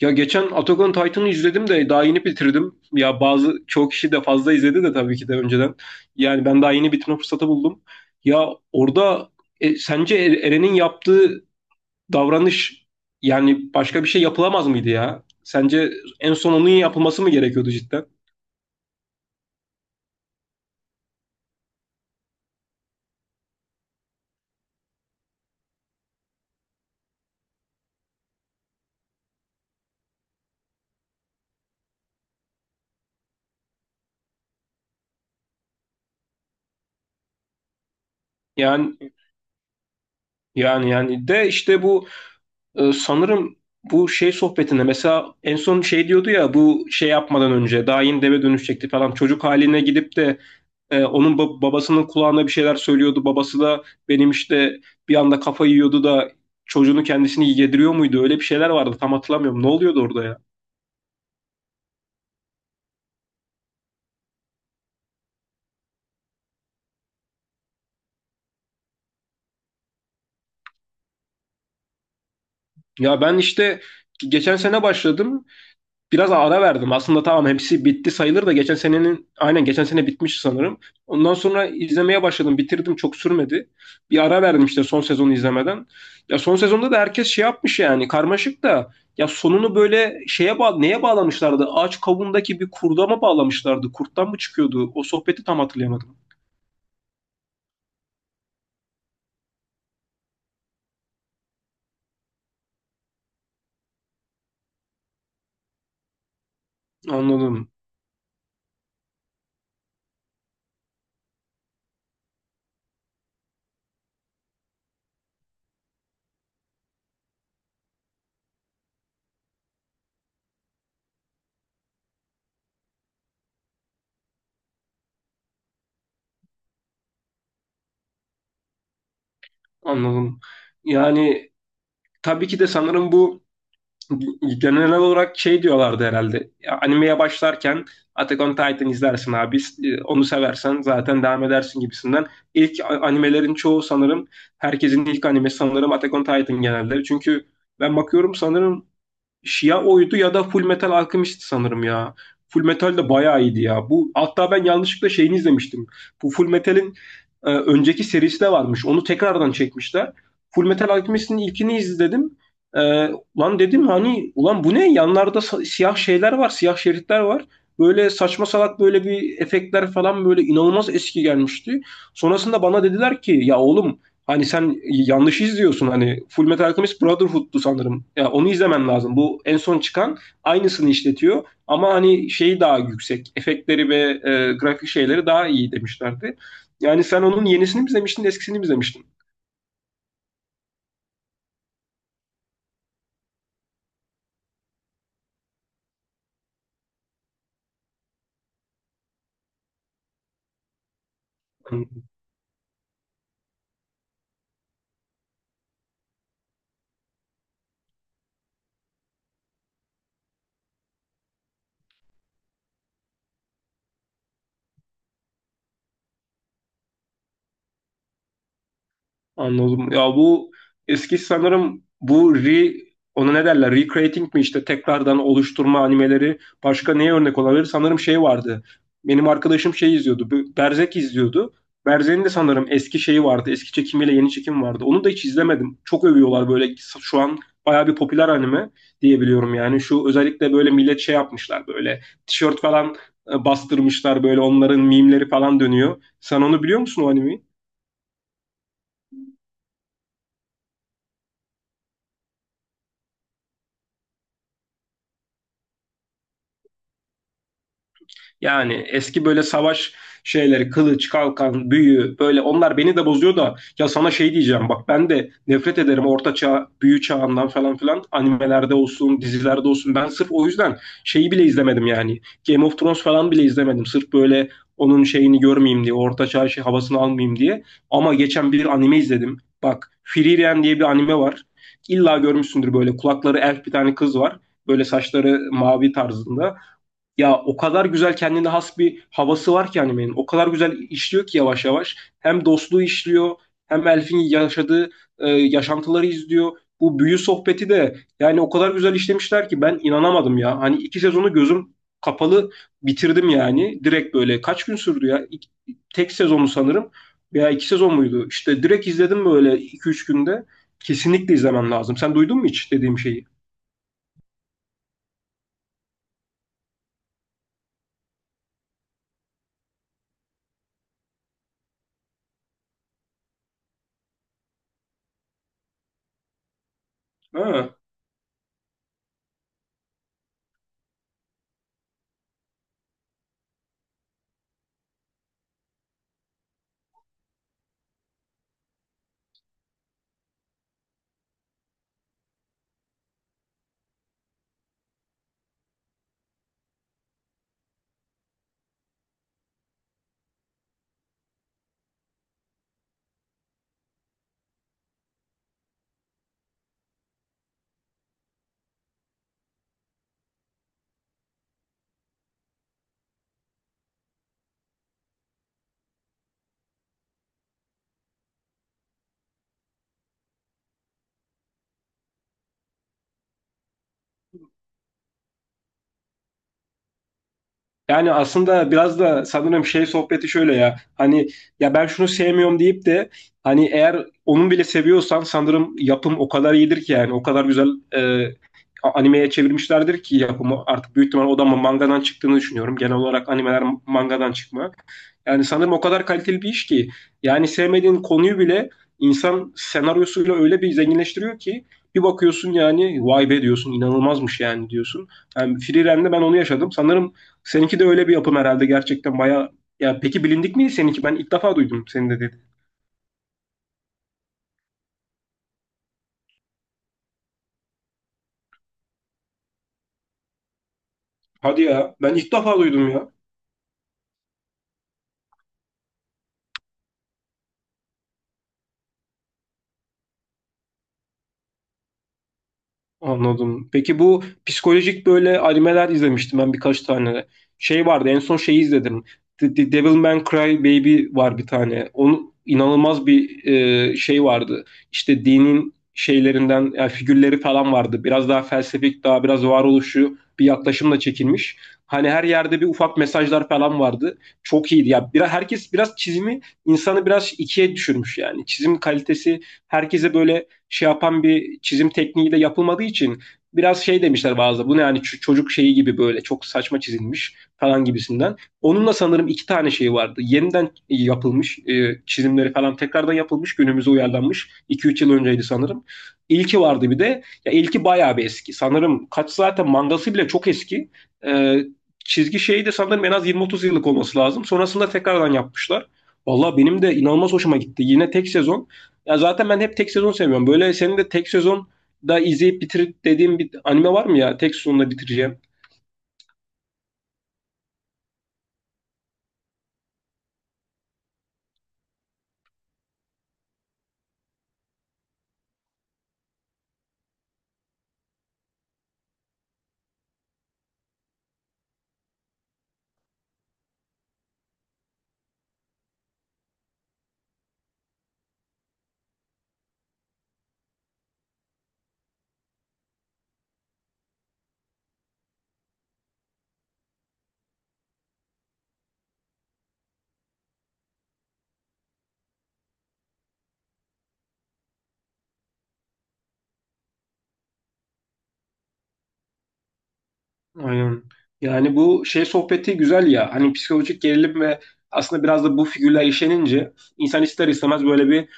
Ya geçen Attack on Titan'ı izledim de daha yeni bitirdim. Ya çoğu kişi de fazla izledi de tabii ki de önceden. Yani ben daha yeni bitirme fırsatı buldum. Ya orada sence Eren'in yaptığı davranış yani başka bir şey yapılamaz mıydı ya? Sence en son onun yapılması mı gerekiyordu cidden? Yani yani de işte bu, sanırım bu şey sohbetinde mesela en son şey diyordu ya, bu şey yapmadan önce daha yeni deve dönüşecekti falan çocuk haline gidip de. Onun babasının kulağına bir şeyler söylüyordu. Babası da benim işte bir anda kafayı yiyordu da, çocuğunu kendisini yediriyor muydu? Öyle bir şeyler vardı. Tam hatırlamıyorum. Ne oluyordu orada ya? Ya ben işte geçen sene başladım. Biraz ara verdim. Aslında tamam hepsi bitti sayılır da, geçen sene bitmiş sanırım. Ondan sonra izlemeye başladım. Bitirdim, çok sürmedi. Bir ara verdim işte son sezonu izlemeden. Ya son sezonda da herkes şey yapmış yani, karmaşık da. Ya sonunu böyle şeye neye bağlamışlardı? Ağaç kabuğundaki bir kurda mı bağlamışlardı? Kurttan mı çıkıyordu? O sohbeti tam hatırlayamadım. Anladım. Anladım. Yani tabii ki de sanırım bu, genel olarak şey diyorlardı herhalde. Animeye başlarken Attack on Titan izlersin abi. Onu seversen zaten devam edersin gibisinden. İlk animelerin çoğu sanırım, herkesin ilk animesi sanırım Attack on Titan genelde. Çünkü ben bakıyorum sanırım, ya oydu ya da Full Metal Alchemist sanırım ya. Full Metal de bayağı iyiydi ya. Bu, hatta ben yanlışlıkla şeyini izlemiştim. Bu Full Metal'in önceki serisi de varmış. Onu tekrardan çekmişler. Full Metal Alchemist'in ilkini izledim. E, Lan dedim hani, ulan bu ne? Yanlarda siyah şeyler var, siyah şeritler var. Böyle saçma salak böyle bir efektler falan, böyle inanılmaz eski gelmişti. Sonrasında bana dediler ki ya oğlum, hani sen yanlış izliyorsun, hani Full Metal Alchemist Brotherhood'du sanırım. Ya yani onu izlemen lazım. Bu en son çıkan, aynısını işletiyor ama hani şeyi daha yüksek. Efektleri ve grafik şeyleri daha iyi demişlerdi. Yani sen onun yenisini mi izlemiştin, eskisini mi izlemiştin? Anladım. Ya bu eski sanırım bu ona ne derler? Recreating mi işte, tekrardan oluşturma animeleri başka neye örnek olabilir? Sanırım şey vardı. Benim arkadaşım şey izliyordu, bu Berserk izliyordu. Berserk'in de sanırım eski şeyi vardı. Eski çekimiyle yeni çekim vardı. Onu da hiç izlemedim. Çok övüyorlar, böyle şu an bayağı bir popüler anime diyebiliyorum yani. Şu özellikle böyle millet şey yapmışlar, böyle tişört falan bastırmışlar, böyle onların mimleri falan dönüyor. Sen onu biliyor musun, o animeyi? Yani eski böyle savaş şeyleri, kılıç, kalkan, büyü böyle, onlar beni de bozuyor da. Ya sana şey diyeceğim bak, ben de nefret ederim orta çağ, büyü çağından falan filan, animelerde olsun, dizilerde olsun. Ben sırf o yüzden şeyi bile izlemedim yani. Game of Thrones falan bile izlemedim. Sırf böyle onun şeyini görmeyeyim diye, orta çağ şey, havasını almayayım diye. Ama geçen bir anime izledim. Bak, Frieren diye bir anime var. İlla görmüşsündür, böyle kulakları elf bir tane kız var. Böyle saçları mavi tarzında. Ya o kadar güzel, kendine has bir havası var ki animenin. O kadar güzel işliyor ki yavaş yavaş. Hem dostluğu işliyor, hem Elf'in yaşadığı yaşantıları izliyor. Bu büyü sohbeti de yani o kadar güzel işlemişler ki ben inanamadım ya. Hani iki sezonu gözüm kapalı bitirdim yani. Direkt böyle kaç gün sürdü ya? Tek sezonu sanırım veya iki sezon muydu? İşte direkt izledim, böyle iki üç günde. Kesinlikle izlemen lazım. Sen duydun mu hiç dediğim şeyi? Ha. Yani aslında biraz da sanırım şey sohbeti şöyle ya. Hani ya ben şunu sevmiyorum deyip de, hani eğer onun bile seviyorsan sanırım yapım o kadar iyidir ki, yani o kadar güzel e, animeye çevirmişlerdir ki yapımı, artık büyük ihtimal o da mangadan çıktığını düşünüyorum. Genel olarak animeler mangadan çıkma. Yani sanırım o kadar kaliteli bir iş ki, yani sevmediğin konuyu bile insan senaryosuyla öyle bir zenginleştiriyor ki bir bakıyorsun, yani vay be diyorsun, inanılmazmış yani diyorsun. Yani Free Ren'de ben onu yaşadım. Sanırım seninki de öyle bir yapım herhalde gerçekten bayağı. Ya peki, bilindik miydi seninki? Ben ilk defa duydum, senin de dedi. Hadi ya, ben ilk defa duydum ya. Anladım. Peki bu psikolojik böyle animeler izlemiştim ben birkaç tane. Şey vardı, en son şeyi izledim. The Devil May Cry Baby var bir tane. Onun inanılmaz bir şey vardı. İşte dinin şeylerinden yani, figürleri falan vardı. Biraz daha felsefik, daha biraz varoluşu bir yaklaşımla çekilmiş. Hani her yerde bir ufak mesajlar falan vardı. Çok iyiydi. Ya biraz herkes biraz çizimi, insanı biraz ikiye düşürmüş yani. Çizim kalitesi herkese böyle şey yapan bir çizim tekniği de yapılmadığı için biraz şey demişler bazı. Bu ne yani, çocuk şeyi gibi böyle çok saçma çizilmiş falan gibisinden. Onunla sanırım iki tane şey vardı. Yeniden yapılmış çizimleri falan tekrardan yapılmış, günümüze uyarlanmış. 2-3 yıl önceydi sanırım. İlki vardı bir de. Ya ilki bayağı bir eski. Sanırım kaç zaten, mangası bile çok eski. E, Çizgi şeyi de sanırım en az 20-30 yıllık olması lazım. Sonrasında tekrardan yapmışlar. Valla benim de inanılmaz hoşuma gitti. Yine tek sezon, ya zaten ben hep tek sezon seviyorum. Böyle senin de tek sezon da izleyip bitir dediğim bir anime var mı ya? Tek sezonla bitireceğim. Aynen. Yani bu şey sohbeti güzel ya. Hani psikolojik gerilim ve aslında biraz da bu figürler işlenince insan ister istemez böyle bir,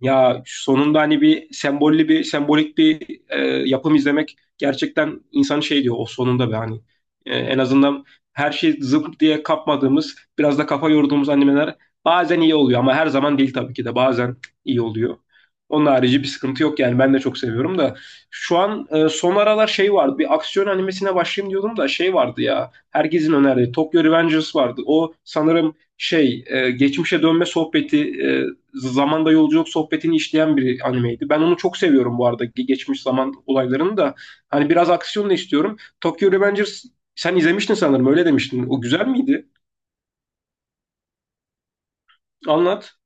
ya sonunda hani bir sembolli bir sembolik bir yapım izlemek gerçekten, insan şey diyor o sonunda be hani. En azından her şey zıp diye kapmadığımız, biraz da kafa yorduğumuz animeler bazen iyi oluyor, ama her zaman değil tabii ki de, bazen iyi oluyor. Onun harici bir sıkıntı yok yani, ben de çok seviyorum da şu an son aralar şey vardı, bir aksiyon animesine başlayayım diyordum da. Şey vardı ya, herkesin önerdiği Tokyo Revengers vardı. O sanırım şey, geçmişe dönme sohbeti, zamanda yolculuk sohbetini işleyen bir animeydi. Ben onu çok seviyorum bu arada, geçmiş zaman olaylarını da. Hani biraz aksiyon da istiyorum. Tokyo Revengers sen izlemiştin sanırım, öyle demiştin. O güzel miydi? Anlat.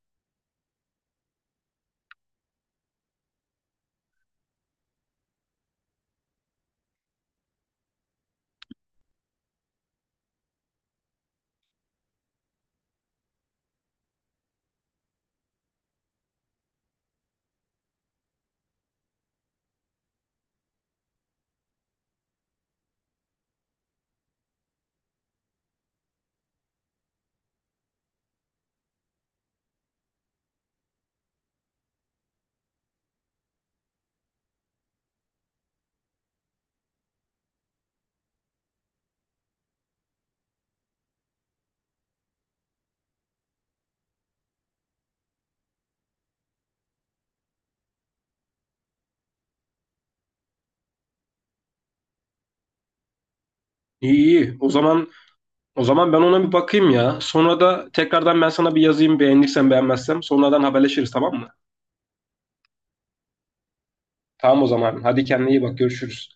İyi, iyi. O zaman ben ona bir bakayım ya. Sonra da tekrardan ben sana bir yazayım, beğenirsen beğenmezsem. Sonradan haberleşiriz, tamam mı? Tamam o zaman. Hadi kendine iyi bak, görüşürüz.